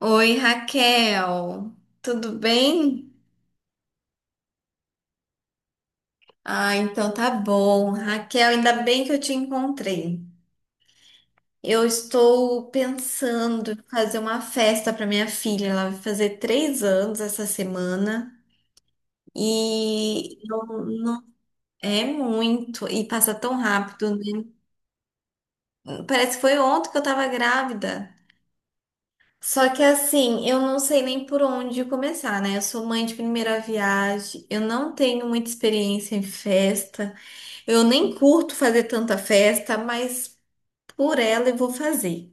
Oi, Raquel. Tudo bem? Ah, então tá bom. Raquel, ainda bem que eu te encontrei. Eu estou pensando em fazer uma festa para minha filha. Ela vai fazer 3 anos essa semana. E eu não é muito. E passa tão rápido, né? Parece que foi ontem que eu tava grávida. Só que assim, eu não sei nem por onde começar, né? Eu sou mãe de primeira viagem, eu não tenho muita experiência em festa. Eu nem curto fazer tanta festa, mas por ela eu vou fazer.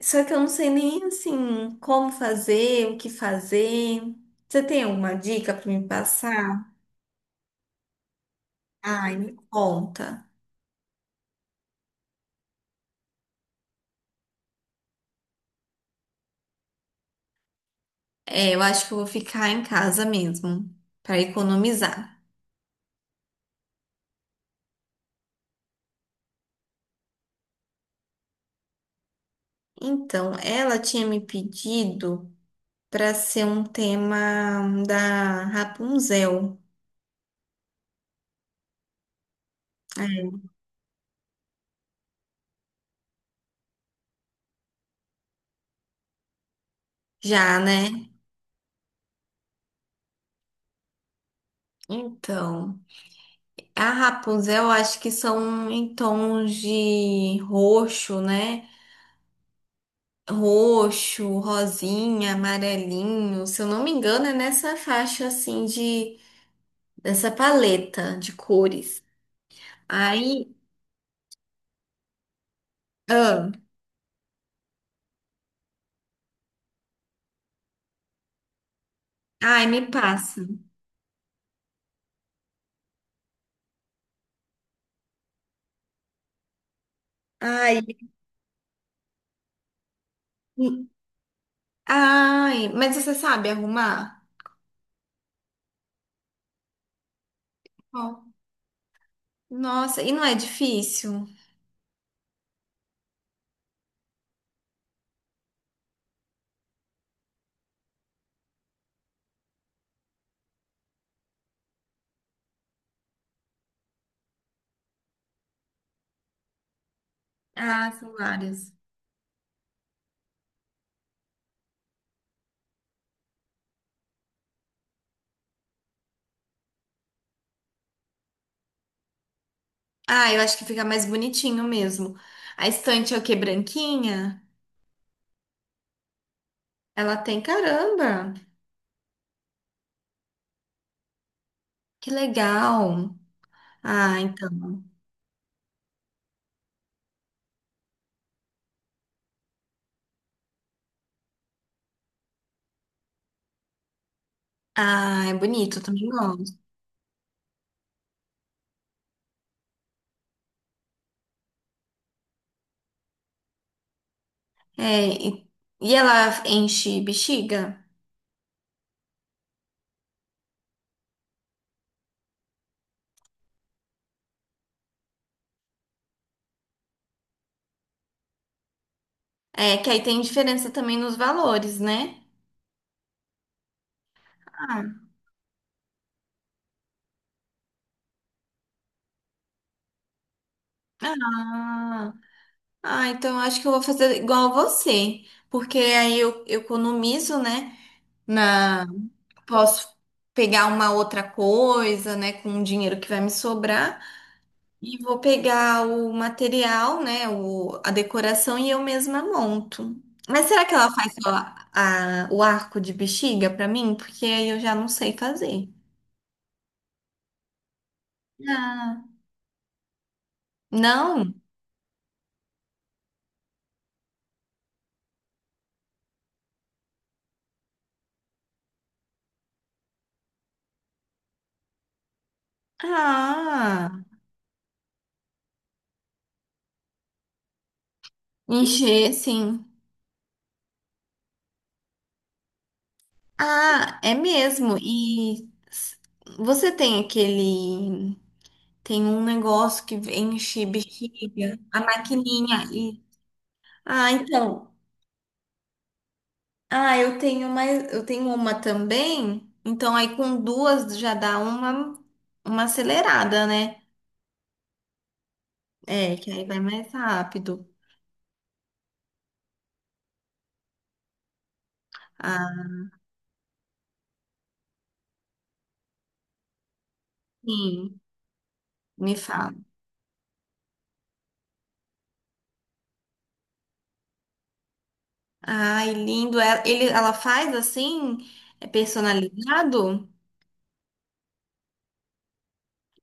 Só que eu não sei nem assim como fazer, o que fazer. Você tem alguma dica para me passar? Ai, me conta. É, eu acho que eu vou ficar em casa mesmo para economizar. Então, ela tinha me pedido para ser um tema da Rapunzel. Já, né? Então. A Rapunzel, eu acho que são em tons de roxo, né? Roxo, rosinha, amarelinho. Se eu não me engano, é nessa faixa assim de dessa paleta de cores. Aí, ah, ai, me passa. Ai, hum, ai, mas você sabe arrumar? Ó, nossa, e não é difícil? Ah, são várias. Ah, eu acho que fica mais bonitinho mesmo. A estante é o quê? Branquinha? Ela tem caramba. Que legal. Ah, então. Ah, é bonito, eu também gosto. É, e, e ela enche bexiga? É, que aí tem diferença também nos valores, né? Ah, ah, ah, então eu acho que eu vou fazer igual a você, porque eu economizo, né? Na, posso pegar uma outra coisa, né? Com o dinheiro que vai me sobrar. E vou pegar o material, né, o, a decoração e eu mesma monto. Mas será que ela faz só o arco de bexiga pra mim? Porque aí eu já não sei fazer. Ah, não? Ah, encher, sim. Ah, é mesmo. Você tem aquele, tem um negócio que enche bexiga, a maquininha e ah, então. Ah, eu tenho mais, eu tenho uma também. Então aí com duas já dá uma acelerada, né? É, que aí vai mais rápido. Ah, sim, me fala. Ai, lindo. Ele, ela faz assim, é personalizado?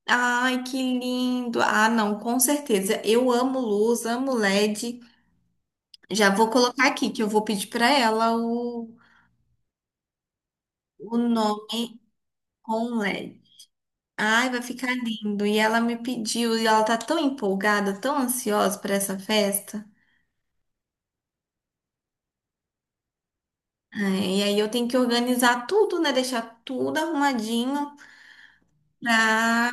Ai, que lindo. Ah, não, com certeza. Eu amo luz, amo LED. Já vou colocar aqui que eu vou pedir para ela o nome com LED. Ai, vai ficar lindo. E ela me pediu, e ela tá tão empolgada, tão ansiosa para essa festa. Ai, e aí eu tenho que organizar tudo, né? Deixar tudo arrumadinho pra,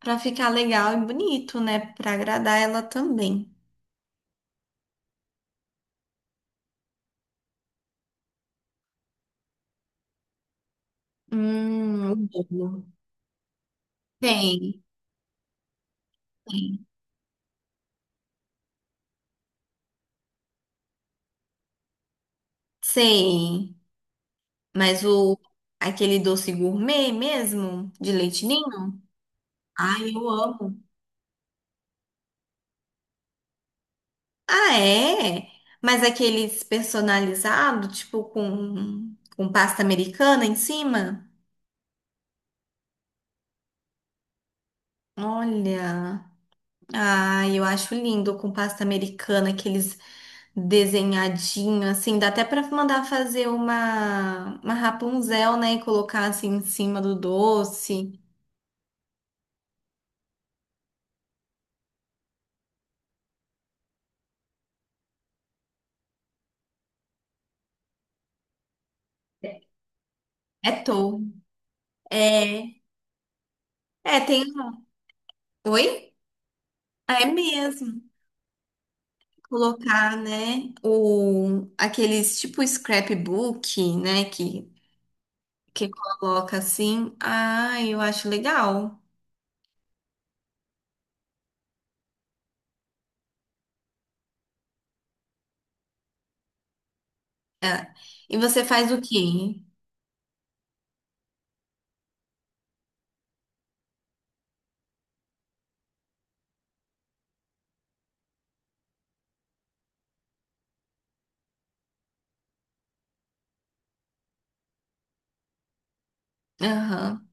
pra ficar legal e bonito, né? Pra agradar ela também. O bolo. Tem, tem. Sei. Mas o aquele doce gourmet mesmo, de leite ninho, ai, eu amo. Ah, é? Mas aqueles personalizados, tipo com pasta americana em cima? Olha. Ah, eu acho lindo com pasta americana, aqueles desenhadinhos, assim. Dá até pra mandar fazer uma Rapunzel, né? E colocar assim em cima do doce. É touca. É. É, tem. Um, oi? Ah, é mesmo. Colocar, né, o, aqueles tipo scrapbook, né, que coloca assim. Ah, eu acho legal. É. E você faz o quê? Aham.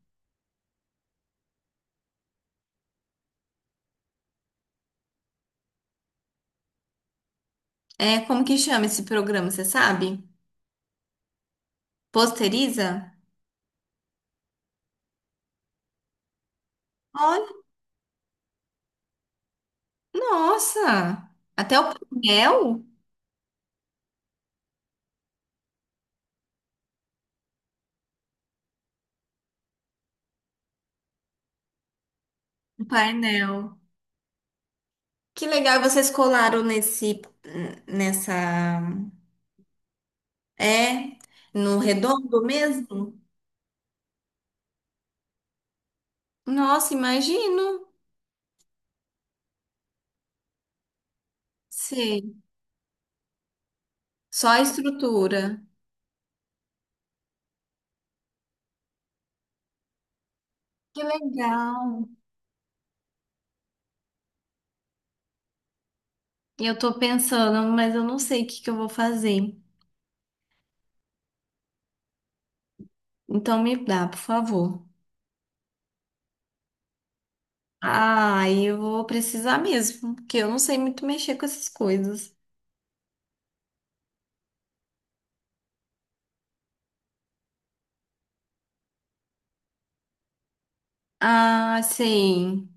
É, como que chama esse programa, você sabe? Posteriza? Olha, nossa! Até o painel? O painel. Que legal, e vocês colaram nesse, nessa, é, no redondo mesmo? Nossa, imagino. Sim, só a estrutura. Que legal. Eu tô pensando, mas eu não sei o que que eu vou fazer. Então me dá, por favor. Ah, aí eu vou precisar mesmo, porque eu não sei muito mexer com essas coisas. Ah, sim.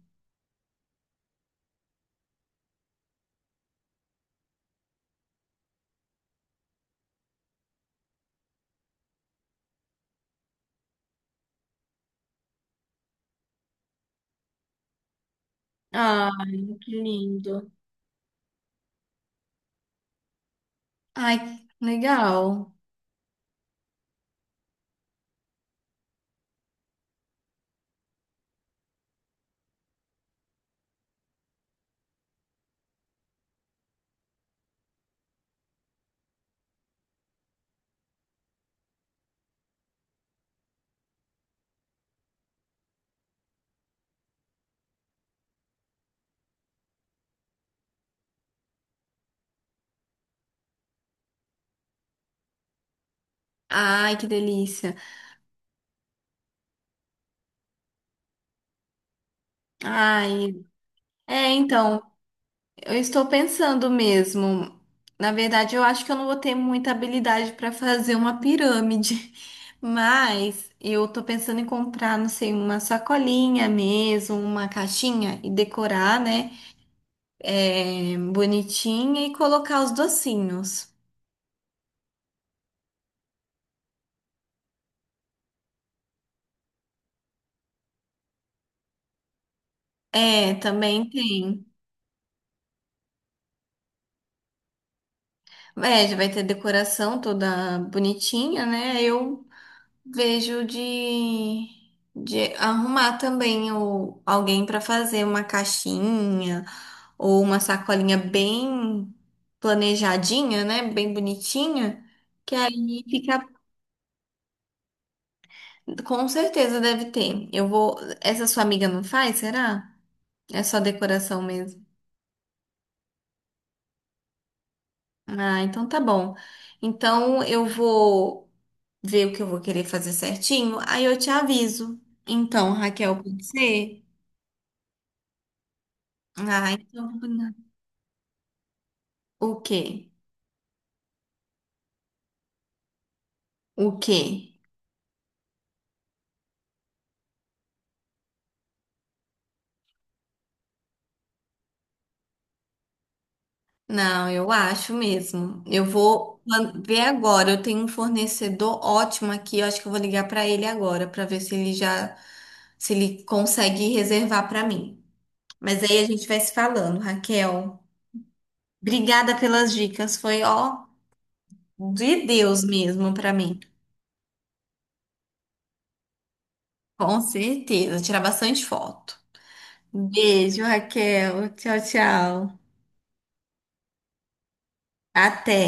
Ai, que lindo. Ai, legal. Ai, que delícia. Ai, é, então, eu estou pensando mesmo. Na verdade, eu acho que eu não vou ter muita habilidade para fazer uma pirâmide, mas eu tô pensando em comprar, não sei, uma sacolinha mesmo, uma caixinha e decorar, né? É, bonitinha e colocar os docinhos. É, também tem. É, já vai ter decoração toda bonitinha, né? Eu vejo de arrumar também o, alguém para fazer uma caixinha ou uma sacolinha bem planejadinha, né? Bem bonitinha, que aí fica. Com certeza deve ter. Eu vou. Essa sua amiga não faz, será? É só decoração mesmo. Ah, então tá bom. Então eu vou ver o que eu vou querer fazer certinho, aí eu te aviso. Então, Raquel, pode ser? Ah, então. O quê? O quê? Não, eu acho mesmo. Eu vou plan- ver agora. Eu tenho um fornecedor ótimo aqui. Eu acho que eu vou ligar para ele agora para ver se ele já se ele consegue reservar para mim. Mas aí a gente vai se falando, Raquel. Obrigada pelas dicas. Foi ó de Deus mesmo para mim. Com certeza, tirar bastante foto. Beijo, Raquel. Tchau, tchau. Até.